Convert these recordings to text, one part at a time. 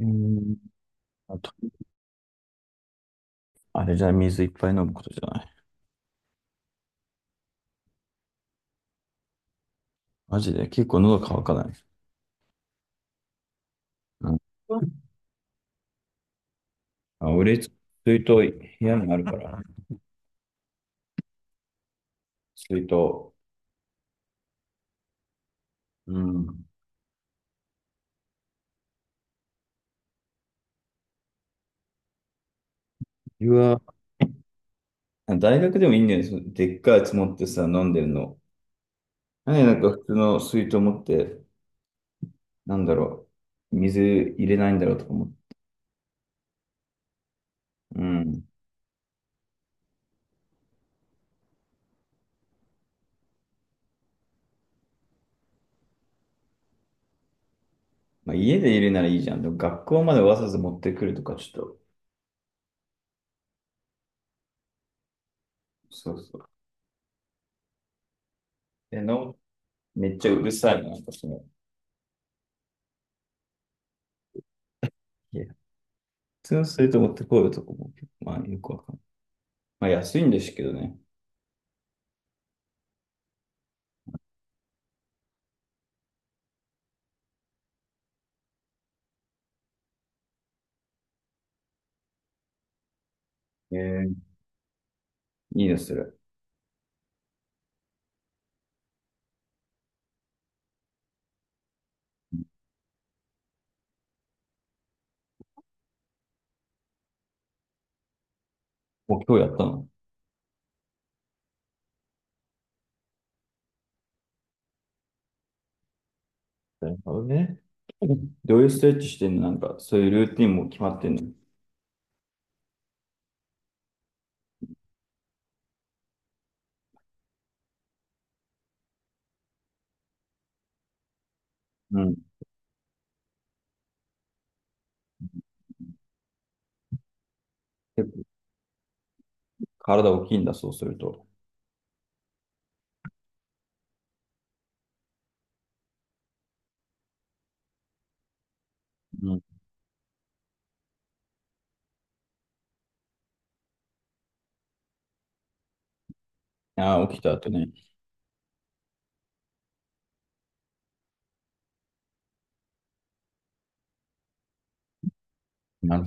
うーん。あと、あれじゃ水いっぱい飲むことじゃない。マジで、結構喉乾かない。うん。あ、俺、水筒部屋にあるから、水筒。うん。うわ、大学でもいいんだよね。そのでっかいやつ持ってさ、飲んでるの。なんでなんか普通の水筒持って、なんだろう、水入れないんだろうとか思って。うん。まあ、家で入れならいいじゃん。でも学校までわざわざ持ってくるとか、ちょっと、そうそう。で、めっちゃうるさいな、なんかその、通すると思ってこういうとこも、まあよくわかんない。まあ安いんですけどね。えー、いいですそれ。もう今日やったの？なるほどね。どういうストレッチしてんの？なんか、そういうルーティンも決まってんの？うん。結構体大きいんだ、そうすると。うん。ああ、起きた後ね。な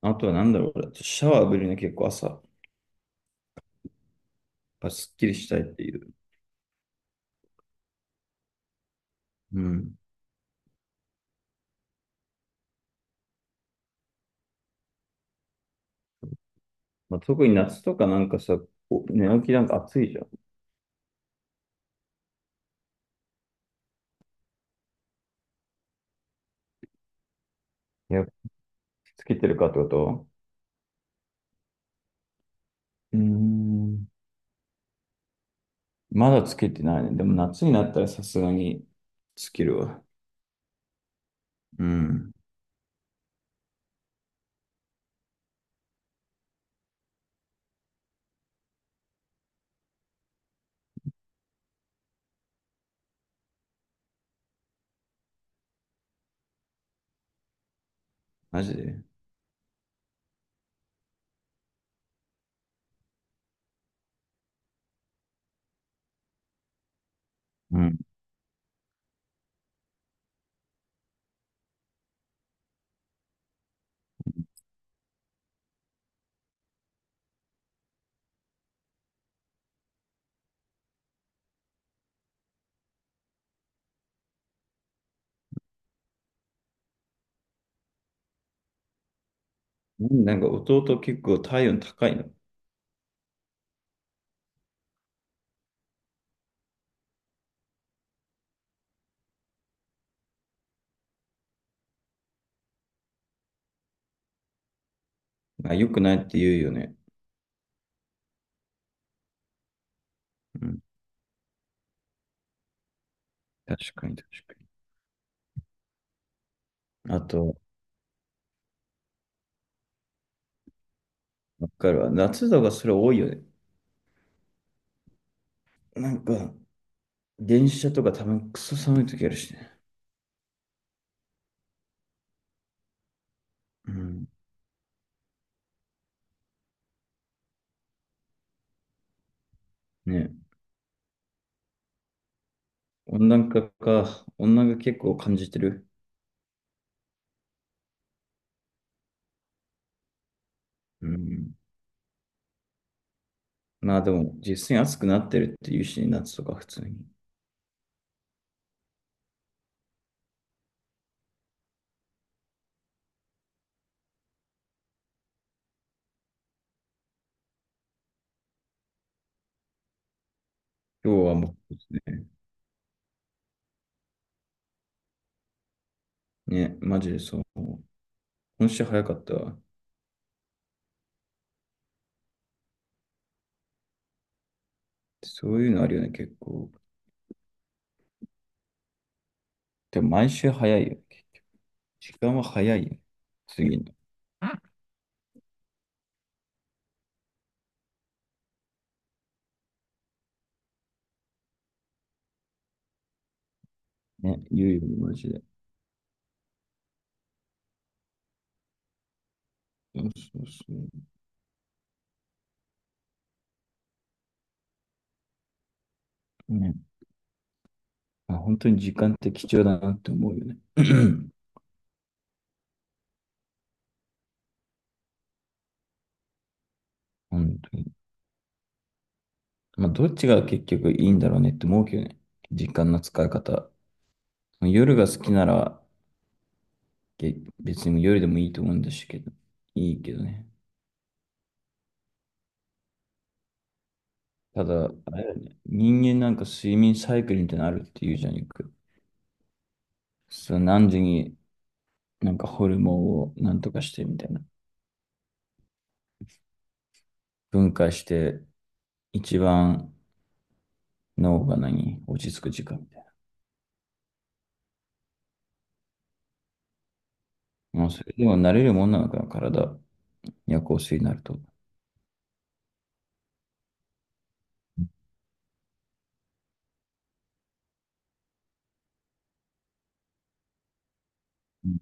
あとはなんだろう、シャワー浴びるね、結構朝、やっぱすっきりしたいっていう。うん。まあ、特に夏とかなんかさ、こう寝起きなんか暑いじゃん。いや、つけてるかってこと？うーん。まだつけてないね。でも夏になったらさすがにつけるわ。うん。マジで。うん。なんか弟結構体温高いの？あ、良くないって言うよね。うん。確かに、確かに。あと、わかるわ。夏とかそれ多いよね。なんか、電車とか多分クソ寒い時あるしね。うん。ね。温暖化か。温暖化結構感じてる。うん。まあでも、実際に暑くなってるっていうしね、夏とか普通に。今日はもうね、ね、マジでそう。今週早かったわ。そういうのあるよね、結構。でも毎週早いよね。時間は早いよ。次の。ね、言うよね、マジで。そうそうそう。ね。まあ、本当に時間って貴重だなって思うよね。本当に。まあ、どっちが結局いいんだろうねって思うけどね。時間の使い方。夜が好きなら、別に夜でもいいと思うんですけど、いいけどね。ただ、あれだよね、人間なんか睡眠サイクルみたいなのあるって言うじゃん、よく。そう、何時になんかホルモンをなんとかしてみたいな。分解して、一番脳が何落ち着く時間みたいな。もうそれでも慣れるもんなのかな、体。夜行性になると。うん。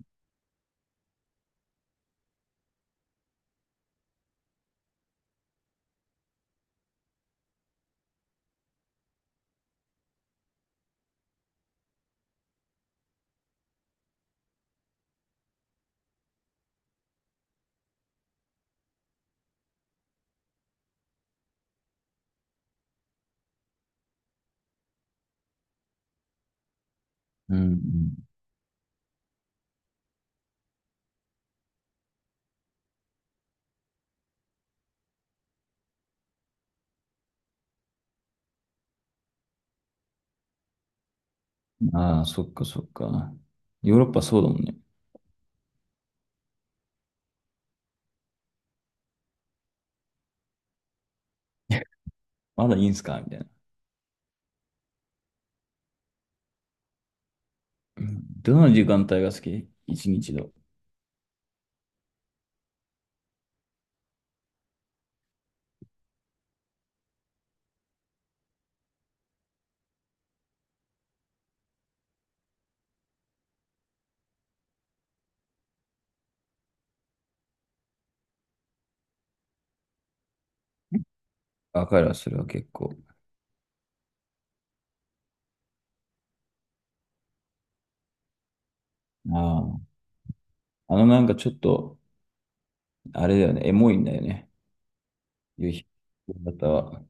うん、ああ、そっか、そっか。ヨーロッパそうだもんね。まだいいんすかみたいな。うん。どの時間帯が好き？一日の。わかるわ、それは結構。ああ。あのなんかちょっと、あれだよね、エモいんだよね。夕日の方は。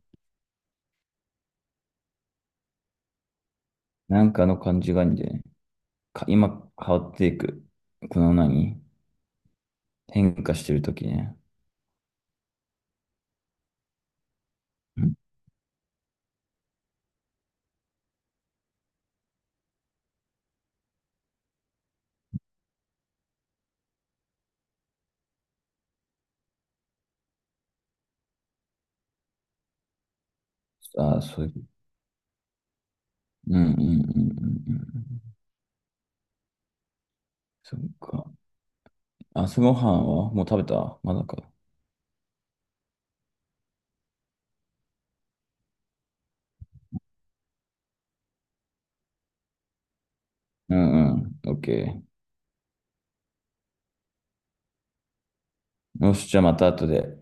なんかの感じがいいんだよね。か今変わっていく。この何変化してるときね。んああ、そういう。うん、うん、うん、うん、うん。そっか。朝ごはんはもう食べた？まだか。うん、うん。オッケー。よし、じゃあまた後で。